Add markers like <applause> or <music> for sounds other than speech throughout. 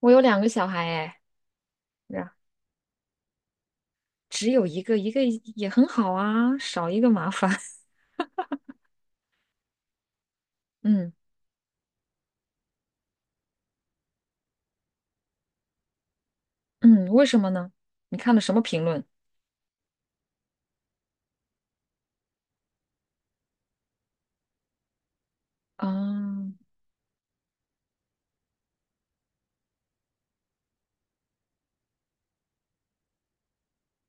我有两个小孩哎，然只有一个，一个也很好啊，少一个麻烦。<laughs> 嗯嗯，为什么呢？你看了什么评论啊？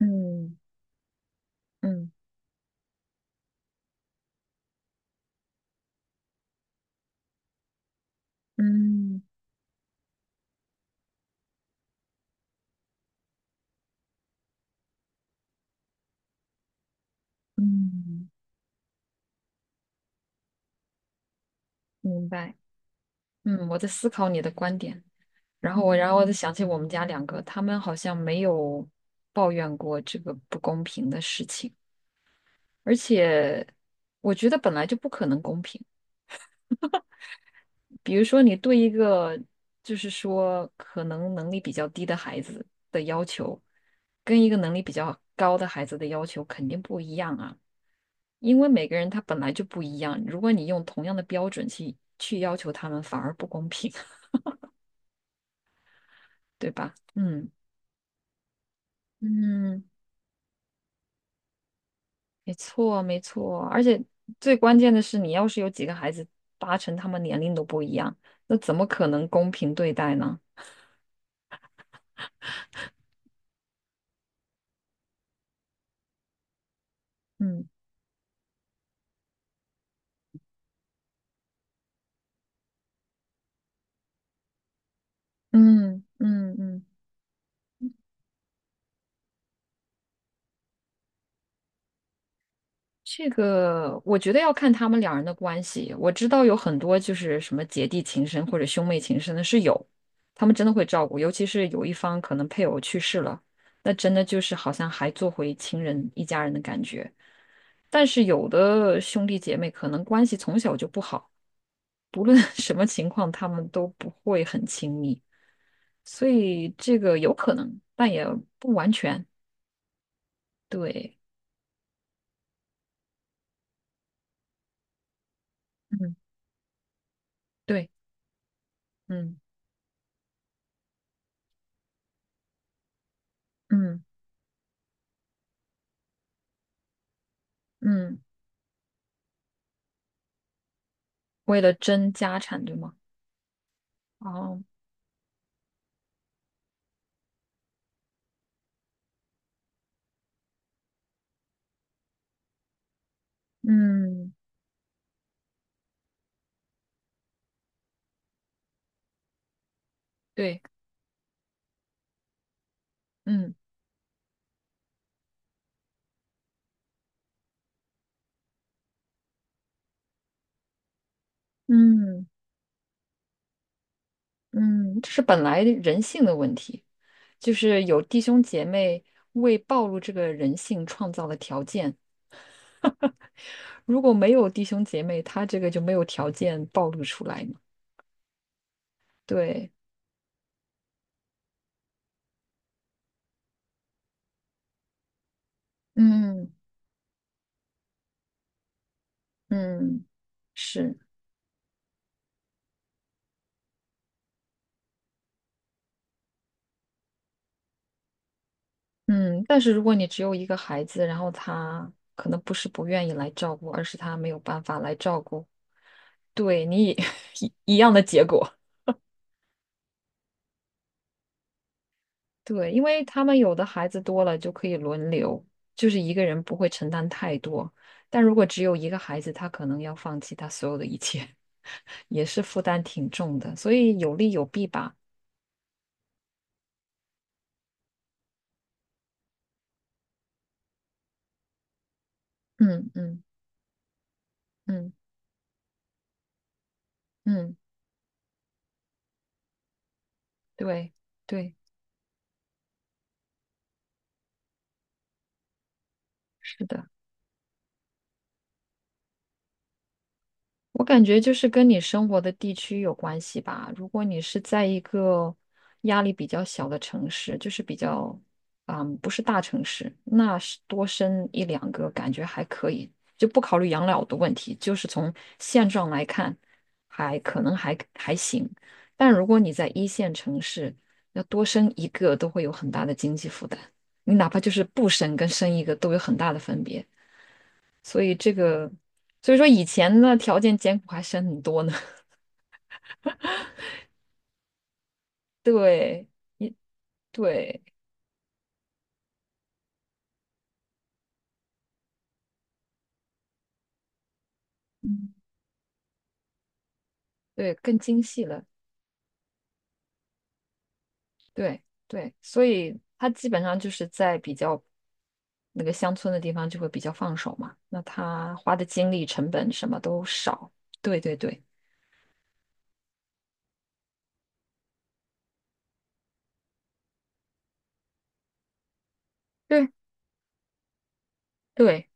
嗯嗯嗯嗯，明白。嗯，我在思考你的观点，然后我就想起我们家两个，他们好像没有抱怨过这个不公平的事情，而且我觉得本来就不可能公平。比如说，你对一个就是说可能能力比较低的孩子的要求，跟一个能力比较高的孩子的要求肯定不一样啊，因为每个人他本来就不一样。如果你用同样的标准去要求他们，反而不公平，<laughs> 对吧？嗯嗯，没错没错。而且最关键的是，你要是有几个孩子，八成他们年龄都不一样，那怎么可能公平对待呢？嗯嗯嗯嗯。这个我觉得要看他们两人的关系。我知道有很多就是什么姐弟情深或者兄妹情深的是有，他们真的会照顾，尤其是有一方可能配偶去世了，那真的就是好像还做回亲人一家人的感觉。但是有的兄弟姐妹可能关系从小就不好，不论 <laughs> 什么情况，他们都不会很亲密，所以这个有可能，但也不完全。对，嗯，对，嗯嗯嗯。为了争家产，对吗？哦，嗯，对，嗯嗯嗯，这是本来人性的问题，就是有弟兄姐妹为暴露这个人性创造了条件，如果没有弟兄姐妹，他这个就没有条件暴露出来嘛。对，嗯嗯，是，嗯，但是如果你只有一个孩子，然后他可能不是不愿意来照顾，而是他没有办法来照顾，对你也 <laughs> 一样的结果。对，因为他们有的孩子多了就可以轮流，就是一个人不会承担太多。但如果只有一个孩子，他可能要放弃他所有的一切，<laughs> 也是负担挺重的。所以有利有弊吧。嗯嗯嗯嗯，对对，是的。我感觉就是跟你生活的地区有关系吧。如果你是在一个压力比较小的城市，就是比较，嗯，不是大城市，那是多生一两个感觉还可以，就不考虑养老的问题，就是从现状来看，还可能还还行。但如果你在一线城市，要多生一个都会有很大的经济负担，你哪怕就是不生跟生一个都有很大的分别。所以这个，所以说以前呢条件艰苦还省很多呢。<laughs> 对对嗯对，更精细了。对对，所以他基本上就是在比较那个乡村的地方就会比较放手嘛，那他花的精力成本什么都少。对对对对对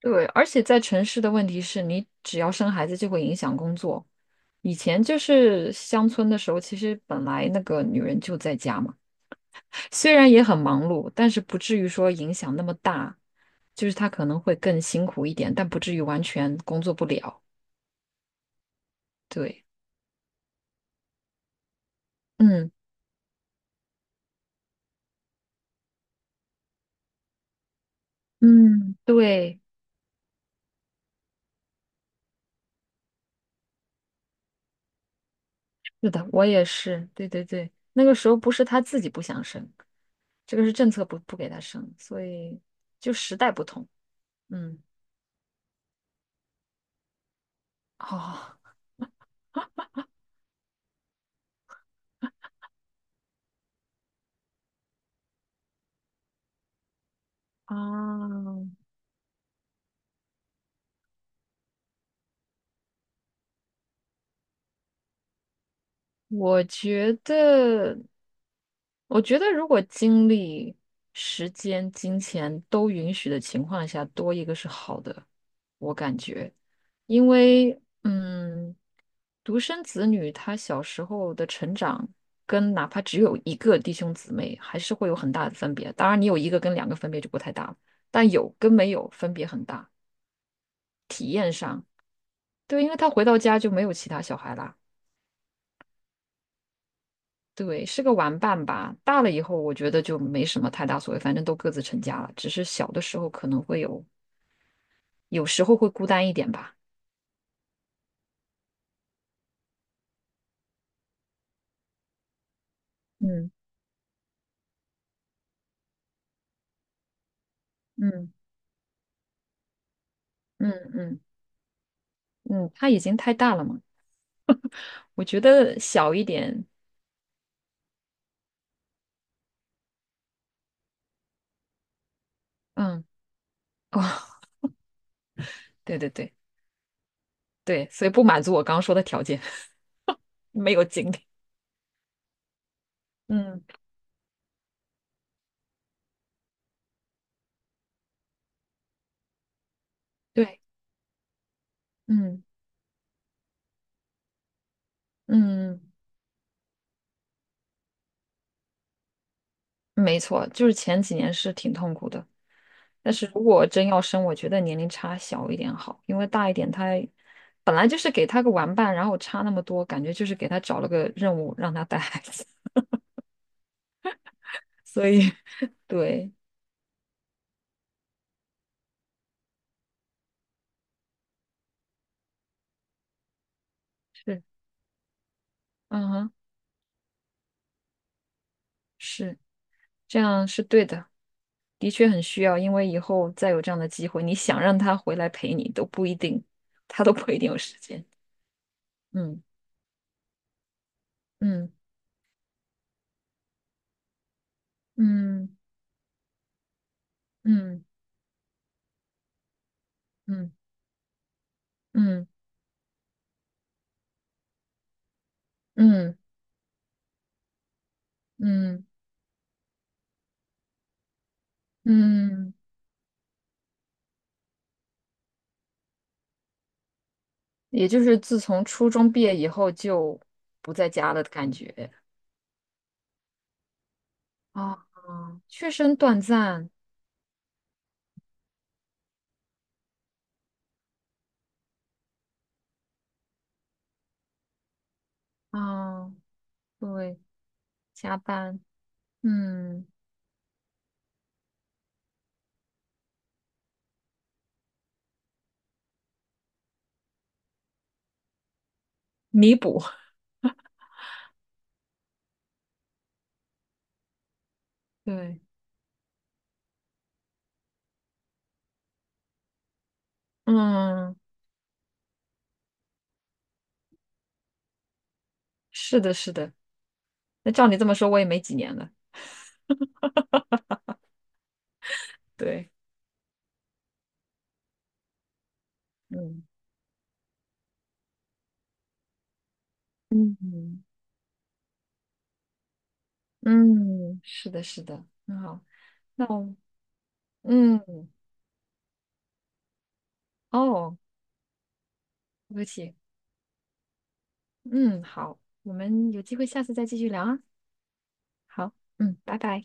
对，而且在城市的问题是你只要生孩子就会影响工作。以前就是乡村的时候，其实本来那个女人就在家嘛。虽然也很忙碌，但是不至于说影响那么大，就是他可能会更辛苦一点，但不至于完全工作不了。对，嗯嗯，对，是的，我也是，对对对，那个时候不是他自己不想生，这个是政策不给他生，所以就时代不同，嗯，好啊，我觉得，我觉得如果精力、时间、金钱都允许的情况下，多一个是好的，我感觉，因为嗯，独生子女他小时候的成长，跟哪怕只有一个弟兄姊妹，还是会有很大的分别。当然，你有一个跟两个分别就不太大了，但有跟没有分别很大。对，因为他回到家就没有其他小孩啦。对，是个玩伴吧。大了以后，我觉得就没什么太大所谓，反正都各自成家了。只是小的时候可能会有，有时候会孤单一点吧。嗯嗯嗯嗯嗯，他已经太大了嘛，我觉得小一点，嗯，哦，<laughs> 对对对对，所以不满足我刚刚说的条件，<laughs> 没有经历。嗯，对，嗯嗯，没错，就是前几年是挺痛苦的。但是如果真要生，我觉得年龄差小一点好，因为大一点他本来就是给他个玩伴，然后差那么多，感觉就是给他找了个任务让他带孩子，<laughs> 所以对，是，嗯哼，是这样是对的，的确很需要，因为以后再有这样的机会，你想让他回来陪你都不一定，他都不一定有时间。嗯嗯嗯嗯嗯嗯嗯嗯嗯。嗯也就是自从初中毕业以后就不在家了的感觉啊，确实很短暂啊，对，加班，嗯，弥补，<laughs> 对，嗯，是的，是的，那照你这么说，我也没几年了，对，嗯嗯，嗯嗯，是的，是的，很好，那我，嗯，哦，对不起，嗯，好，我们有机会下次再继续聊啊，好，嗯，拜拜。